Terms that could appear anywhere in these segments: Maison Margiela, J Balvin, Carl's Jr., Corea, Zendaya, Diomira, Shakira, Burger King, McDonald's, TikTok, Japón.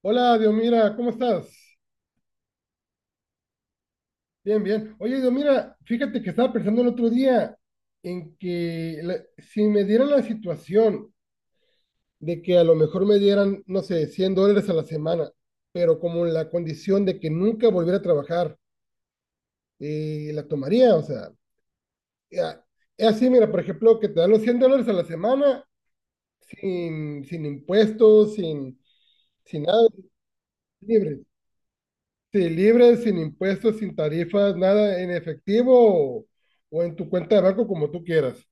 Hola, Diomira, ¿cómo estás? Bien, bien. Oye, Diomira, fíjate que estaba pensando el otro día en que si me dieran la situación de que a lo mejor me dieran, no sé, $100 a la semana, pero como la condición de que nunca volviera a trabajar, la tomaría, o sea, ya- es así, mira, por ejemplo, que te dan los $100 a la semana sin impuestos, sin nada, libre. Sí, libre, sin impuestos, sin tarifas, nada en efectivo o, o en tu cuenta de banco como tú quieras,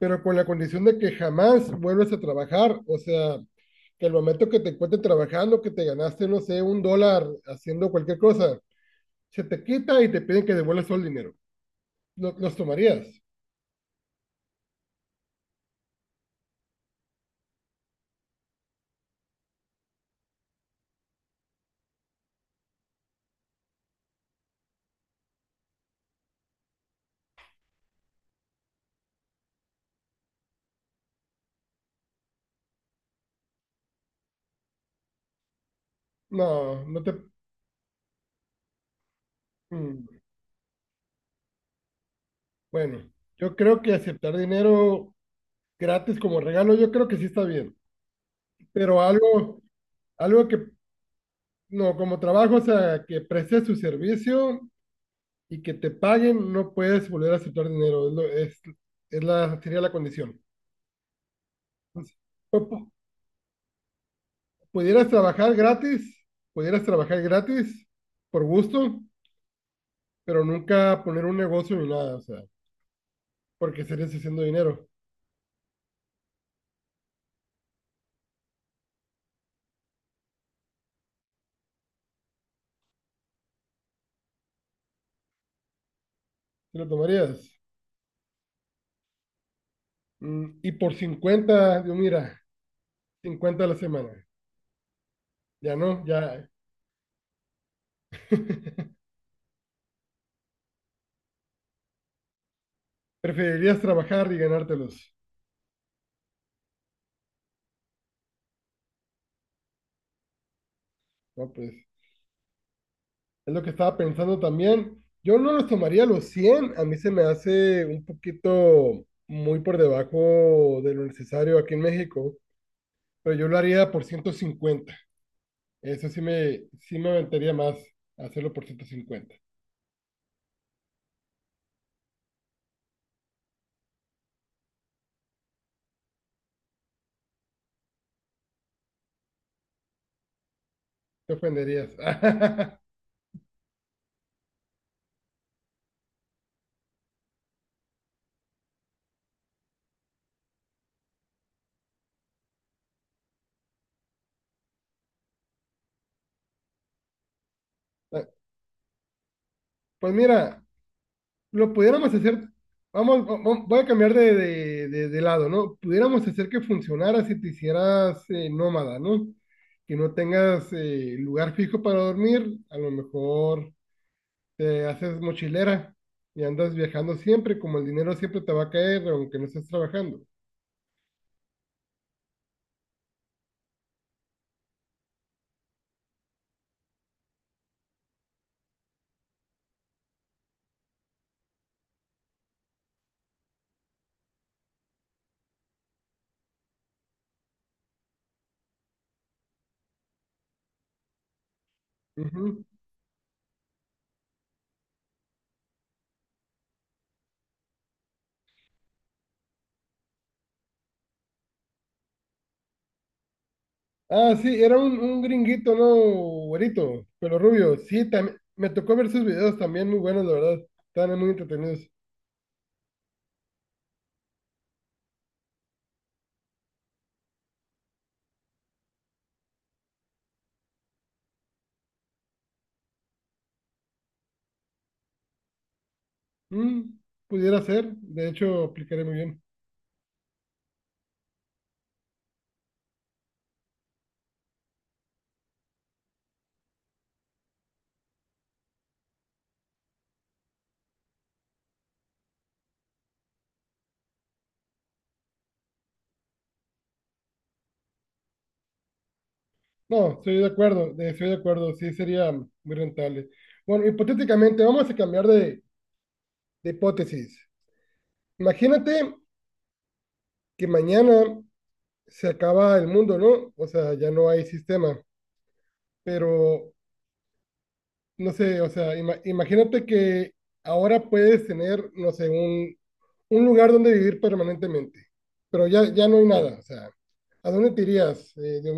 pero con la condición de que jamás vuelves a trabajar, o sea, que al momento que te encuentres trabajando, que te ganaste, no sé, un dólar haciendo cualquier cosa, se te quita y te piden que devuelvas todo el dinero. ¿Los tomarías? No, no, mm, bueno, yo creo que aceptar dinero gratis como regalo, yo creo que sí está bien, pero algo, algo que no, como trabajo, o sea, que prestes tu servicio y que te paguen, no puedes volver a aceptar dinero. Es, lo- es la, Sería la condición. Entonces, pu- pu- pudieras trabajar gratis, pudieras trabajar gratis por gusto, pero nunca poner un negocio ni nada, o sea, porque estarías haciendo dinero. ¿Te lo tomarías? Y por 50, yo mira, 50 a la semana. Ya no, ya. Preferirías trabajar y ganártelos. No, pues. Es lo que estaba pensando también. Yo no los tomaría los 100. A mí se me hace un poquito muy por debajo de lo necesario aquí en México. Pero yo lo haría por 150. Eso sí me aventaría más hacerlo por 150. Te ofenderías. Pues mira, lo pudiéramos hacer, vamos, voy a cambiar de lado, ¿no? Pudiéramos hacer que funcionara si te hicieras nómada, ¿no? Que no tengas lugar fijo para dormir, a lo mejor te haces mochilera y andas viajando siempre, como el dinero siempre te va a caer, aunque no estés trabajando. Ujú. Ah, sí, era un gringuito, ¿no? Güerito, pelo rubio. Sí, también, me tocó ver sus videos también muy buenos, la verdad. Estaban muy entretenidos. Mm, pudiera ser, de hecho, aplicaría muy bien. No, estoy de acuerdo, estoy de acuerdo, sí sería muy rentable. Bueno, hipotéticamente, vamos a cambiar de hipótesis. Imagínate que mañana se acaba el mundo, ¿no? O sea, ya no hay sistema, pero no sé, o sea, imagínate que ahora puedes tener, no sé, un, lugar donde vivir permanentemente, pero ya no hay nada, o sea, ¿a dónde te irías, Dios?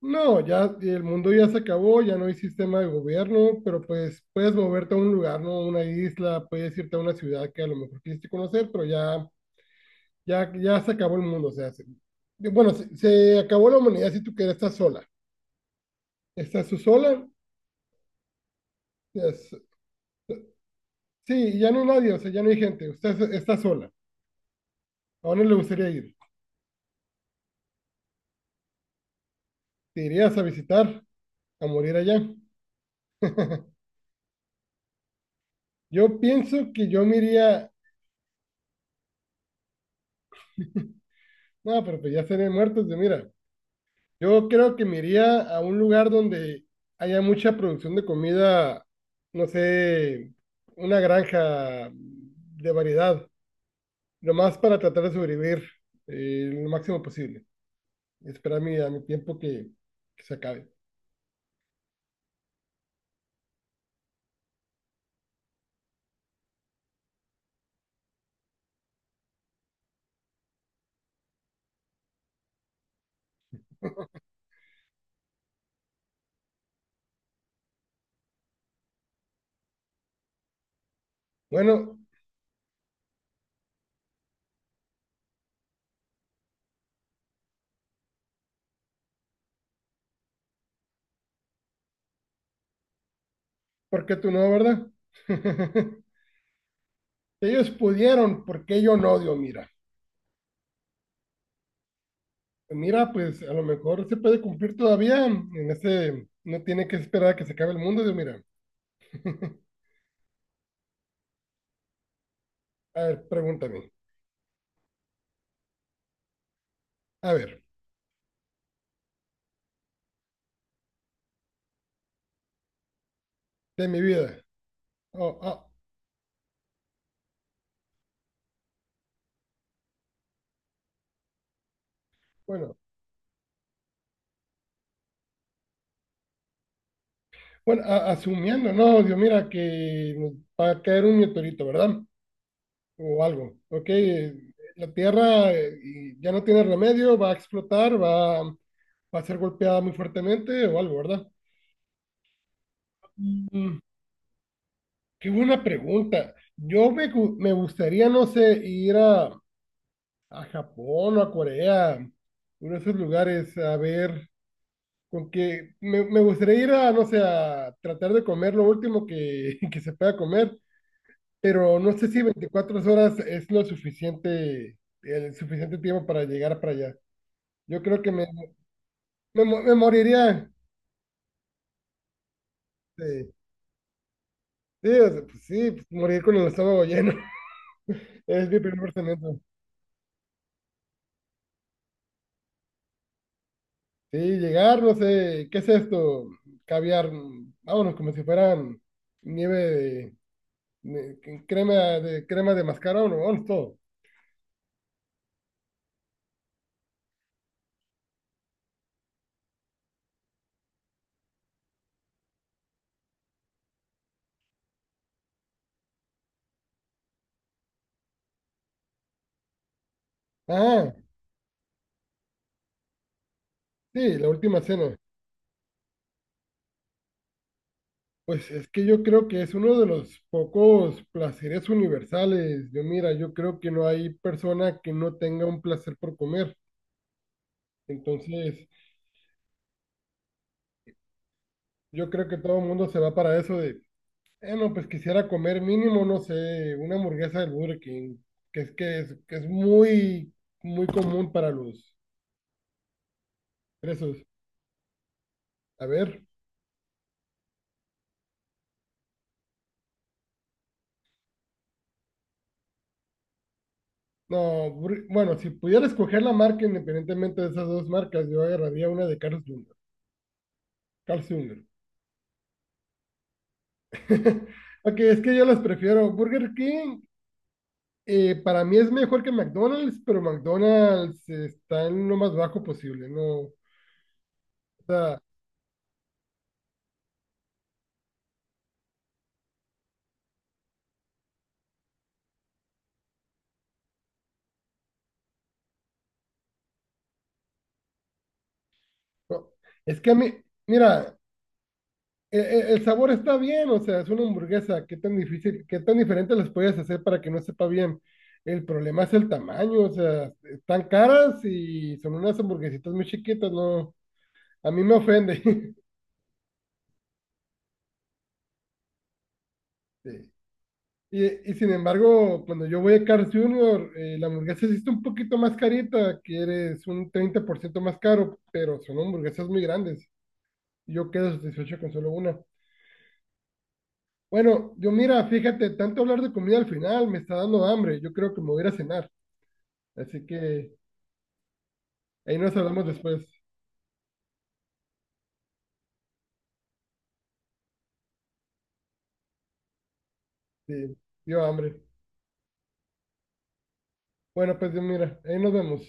No, ya el mundo ya se acabó, ya no hay sistema de gobierno, pero pues puedes moverte a un lugar, ¿no? Una isla, puedes irte a una ciudad que a lo mejor quisiste conocer, pero ya, ya se acabó el mundo, o sea, bueno, se acabó la humanidad si tú quieres, estás sola. Estás tú sola, es- sí, ya no hay nadie, o sea, ya no hay gente, usted está sola. ¿A dónde le gustaría ir? ¿Te irías a visitar, a morir allá? Yo pienso que yo me iría, no, pero pues ya seré muertos de mira. Yo creo que me iría a un lugar donde haya mucha producción de comida, no sé, una granja de variedad, nomás para tratar de sobrevivir lo máximo posible. Esperar a mi tiempo que, se acabe. Bueno, ¿por qué tú no, verdad? Si Ellos pudieron, ¿por qué yo no, Dios? Mira, mira, pues a lo mejor se puede cumplir todavía. En ese, no tiene que esperar a que se acabe el mundo, Dios, mira. A ver, pregúntame. A ver. De mi vida. Oh, ah, bueno, bueno, asumiendo, no, Dios, mira que nos va a caer un meteorito, ¿verdad? O algo, ¿ok? La Tierra y ya no tiene remedio, va a explotar, va a ser golpeada muy fuertemente o algo, ¿verdad? Mm, qué buena pregunta. Yo me gustaría, no sé, ir a Japón o a Corea, uno de esos lugares, a ver. Con que me gustaría ir a, no sé, a tratar de comer lo último que, que se pueda comer, pero no sé si 24 horas es lo suficiente, el suficiente tiempo para llegar para allá. Yo creo que me moriría. Sí, sí, o sea, pues sí, pues, morir con el estómago lleno. Es mi primer pensamiento. Sí, llegar, no sé, ¿qué es esto? Caviar, vámonos, como si fueran nieve de, crema de crema de mascarón, vámonos todo. Ah, sí, la última cena. Pues es que yo creo que es uno de los pocos placeres universales. Yo mira, yo creo que no hay persona que no tenga un placer por comer. Entonces, yo creo que todo el mundo se va para eso de, no, pues quisiera comer mínimo, no sé, una hamburguesa del Burger King, que es muy, muy común para los presos. A ver, no, bueno, si pudiera escoger la marca independientemente de esas dos marcas, yo agarraría una de Carl's Jr. Carl's Jr. Ok, es que yo los prefiero. Burger King para mí es mejor que McDonald's, pero McDonald's está en lo más bajo posible, ¿no? O sea, no. Es que a mí, mira, el sabor está bien, o sea, es una hamburguesa, qué tan difícil, qué tan diferente las puedes hacer para que no sepa bien. El problema es el tamaño, o sea, están caras y son unas hamburguesitas muy chiquitas, ¿no? A mí me ofende. Sí. Y, y sin embargo, cuando yo voy a Carl's Jr., la hamburguesa sí está un poquito más carita, que es un 30% más caro, pero son hamburguesas muy grandes. Yo quedo satisfecho con solo una. Bueno, yo mira, fíjate, tanto hablar de comida al final me está dando hambre. Yo creo que me voy a ir a cenar. Así que ahí nos hablamos después. Sí, dio hambre. Bueno, pues yo mira, ahí nos vemos.